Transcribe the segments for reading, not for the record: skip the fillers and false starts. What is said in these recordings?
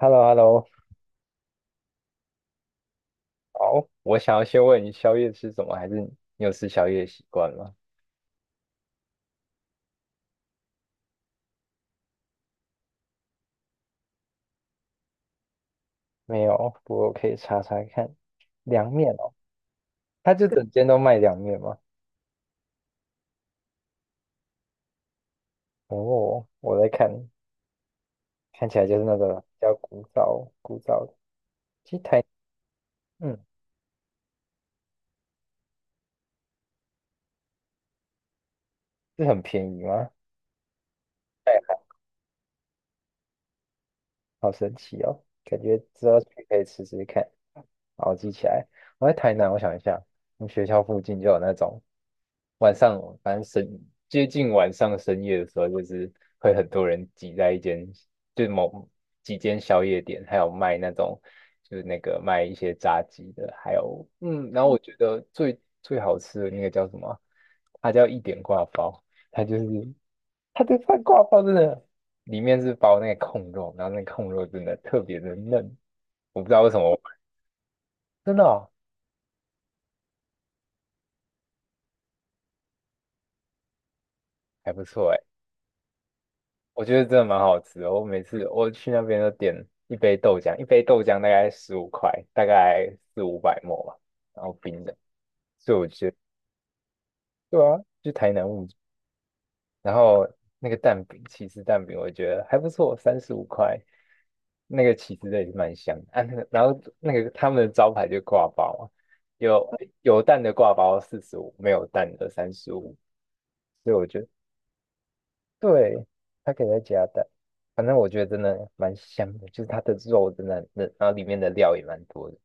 h e l l o h e l l o 好，我想要先问你宵夜吃什么，还是你有吃宵夜的习惯吗？没有，不过我可以查查看。凉面哦，它就整间都卖凉面吗？哦，我在看，看起来就是那个比较古早古早的。其实台，嗯，是很便宜吗？好神奇哦，感觉之后去可以试试看。好，我记起来。我在台南，我想一下，我们学校附近就有那种晚上，反正深接近晚上深夜的时候，就是会很多人挤在一间，就是某几间宵夜店，还有卖那种就是那个卖一些炸鸡的，还有然后我觉得最最好吃的那个叫什么啊，它叫一点挂包，它就是它的饭挂包真的里面是包那个控肉，然后那个控肉真的特别的嫩，我不知道为什么。真的哦，还不错哎，我觉得真的蛮好吃的。我每次我去那边都点一杯豆浆，一杯豆浆大概十五块，大概四五百沫吧，然后冰的，所以我觉得对啊，去台南物然后那个蛋饼，起司蛋饼，我觉得还不错，35块，那个起司的也是蛮香的啊。那个，然后那个他们的招牌就挂包啊，有有蛋的挂包四十五，没有蛋的三十五，所以我觉得对，它可以再加蛋。反正我觉得真的蛮香的，就是它的肉真的很嫩然后里面的料也蛮多的。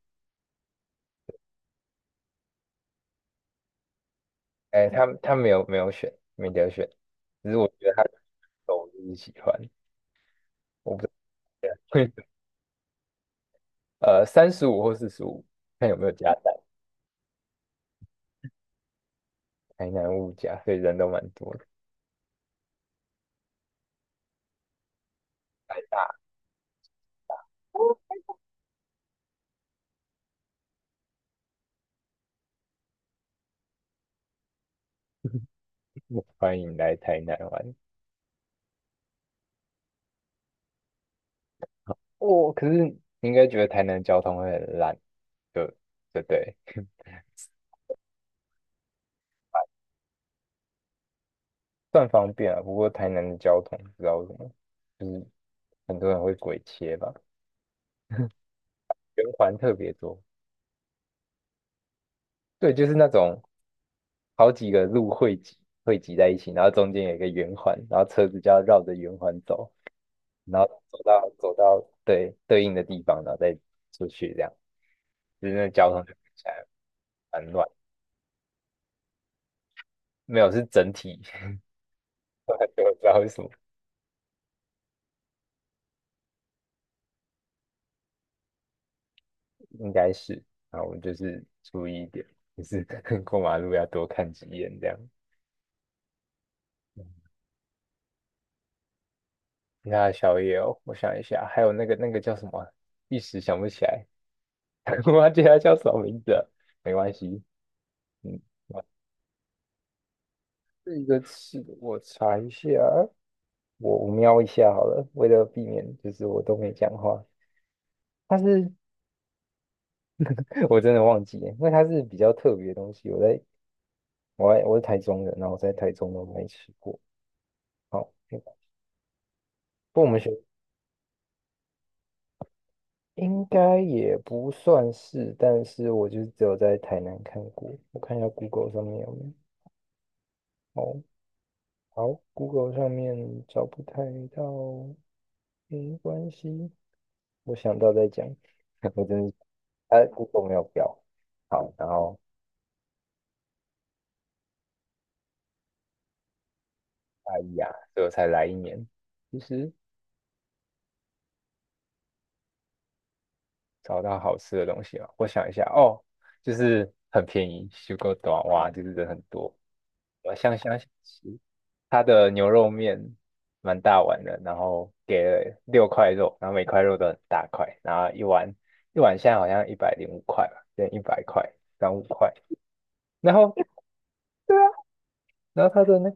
哎，他没有没有选，没得选，只是我觉得他肉我就是喜欢，我不知道。35或45，看有没有加蛋。台南物价，所以人都蛮多的。太大，欢迎来台南玩。哦，可是你应该觉得台南的交通会很烂，就对对，算方便啊。不过台南的交通不知道为什么，就是很多人会鬼切吧，圆环特别多。对，就是那种好几个路汇集在一起，然后中间有一个圆环，然后车子就要绕着圆环走，然后走到对应的地方，然后再出去这样，就是那交通就看起来蛮乱，没有是整体，我也不知道为什么，应该是，然后我就是注意一点，就是 过马路要多看几眼这样。其他的宵夜哦，我想一下，还有那个叫什么啊，一时想不起来，我忘记它叫什么名字了，没关系，嗯，这个是我查一下，我瞄一下好了，为了避免就是我都没讲话。它是 我真的忘记了，因为它是比较特别的东西。我是台中人，然后我在台中都没吃过。好，不过我们学应该也不算是，但是我就只有在台南看过。我看一下 Google 上面有没有。哦，好，Google 上面找不太到，没关系，我想到再讲。我真的，啊，Google 没有标。好，然后大一啊，所以我才来一年。其实找到好吃的东西了，我想一下哦，就是很便宜，修够短哇，就是人很多。我香香小吃，它的牛肉面蛮大碗的，然后给了六块肉，然后每块肉都很大块，然后一碗现在好像105块吧，现在100块，涨五块。然后然后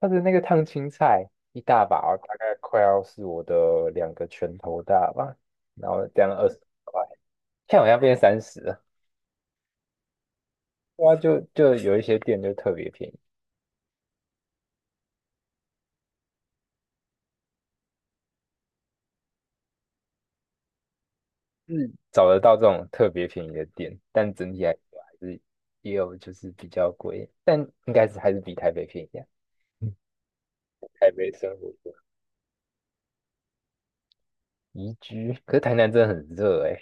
它的那个烫青菜一大把哦大概快要是我的两个拳头大吧，然后这样20块，现在好像变三十。对啊，就有一些店就特别便宜，嗯，找得到这种特别便宜的店，但整体来说还是也有就是比较贵，但应该是还是比台北便宜啊。嗯台北生活过宜居，可是台南真的很热哎、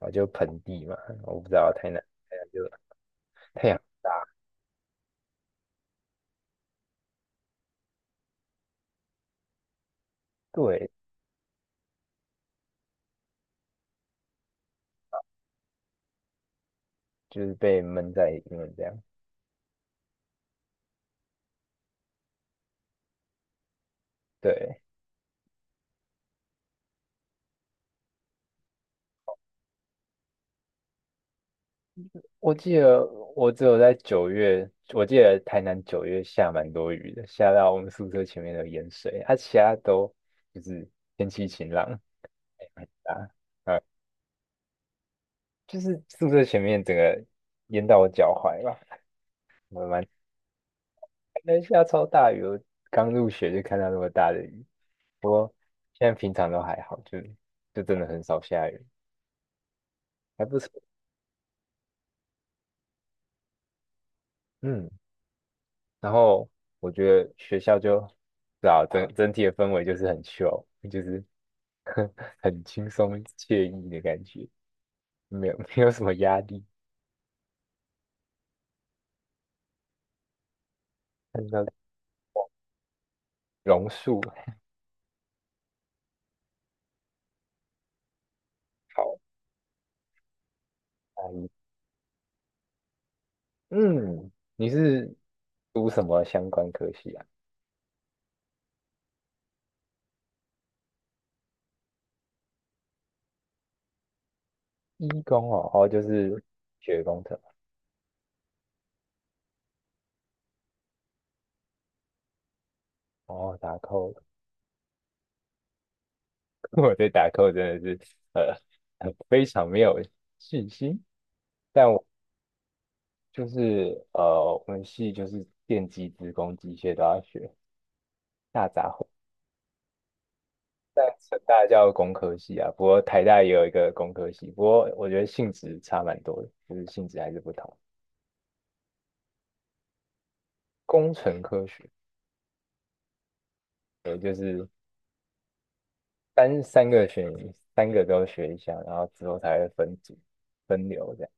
啊就盆地嘛，我不知道台南就太阳大，对，就是被闷在里面这样，对。我记得我只有在九月，我记得台南九月下蛮多雨的，下到我们宿舍前面的淹水，啊，其他都就是天气晴朗啊，就是宿舍前面整个淹到我脚踝吧，我蛮那下超大雨，我刚入学就看到那么大的雨，不过现在平常都还好，就真的很少下雨，还不错，嗯。然后我觉得学校就，是啊，整体的氛围就是很 chill，就是 很轻松惬意的感觉，没有 没有什么压力。看到榕树，好，阿姨，嗯，你是读什么相关科系啊？医工哦，哦，就是学工程，哦，打扣，我对打扣真的是呃 非常没有信心。但我。就是我们系就是电机、资工、机械都要学，大杂烩。但成大叫工科系啊，不过台大也有一个工科系，不过我觉得性质差蛮多的，就是性质还是不同。工程科学，也就是三三个选，三个都学一下，然后之后才会分组、分流这样。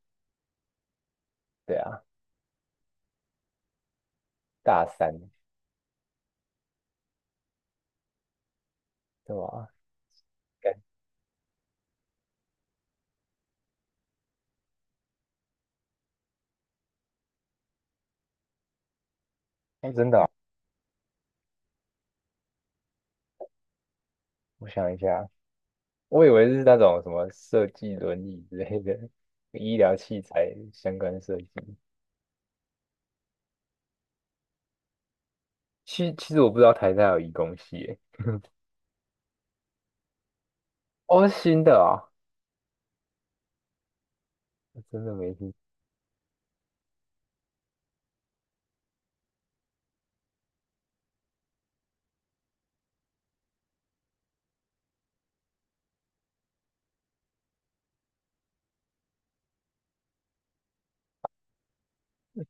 对啊，大三，对吧？感哦，真的哦，我想一下，我以为是那种什么设计伦理之类的，医疗器材相关设计。其实我不知道台大有移工系耶，哦，是新的啊，我真的没听。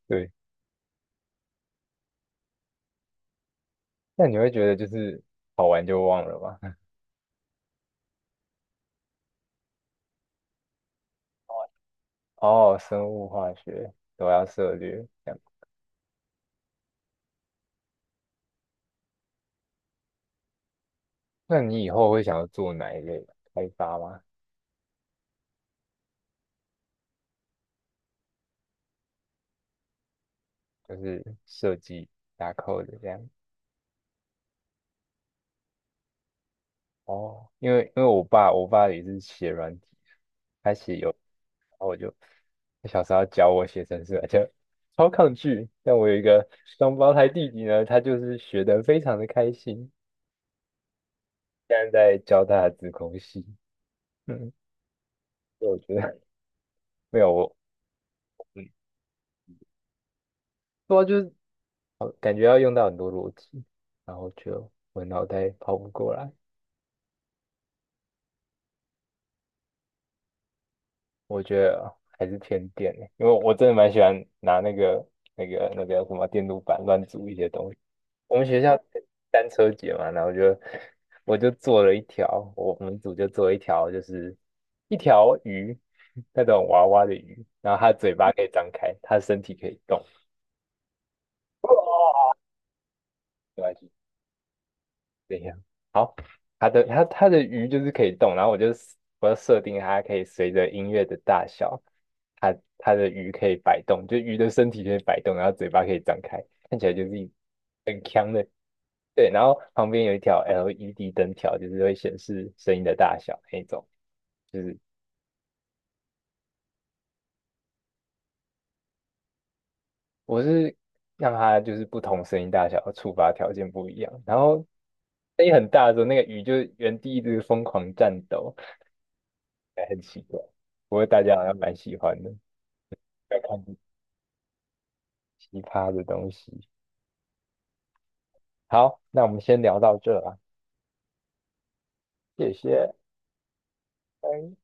对，那你会觉得就是考完就忘了吗？哦，生物化学都要涉略，这样。那你以后会想要做哪一类开发吗？就是设计打扣的 d e 这样。哦，因为我爸也是写软体，他写有，然后我就他小时候教我写程式而且超抗拒。但我有一个双胞胎弟弟呢，他就是学得非常的开心。现在在教大家自控系 嗯，所以我觉得没有我，嗯，不过就是好感觉要用到很多逻辑，然后就我脑袋跑不过来，我觉得还是偏电欸，因为我真的蛮喜欢拿那个那个什么电路板乱组一些东西。我们学校单车节嘛，然后就我就做了一条，我我们组就做了一条，就是一条鱼，那种娃娃的鱼，然后它嘴巴可以张开，它身体可以动。没关系。怎样？好，它的鱼就是可以动，我要设定它可以随着音乐的大小，它的鱼可以摆动，就鱼的身体可以摆动，然后嘴巴可以张开，看起来就是很强的。对，然后旁边有一条 LED 灯条，就是会显示声音的大小那一种。就是我是让它就是不同声音大小的触发条件不一样，然后声音很大的时候，那个鱼就原地一直疯狂战斗，哎，很奇怪。不过大家好像蛮喜欢的，要看奇葩的东西。好，那我们先聊到这啦，谢谢，拜。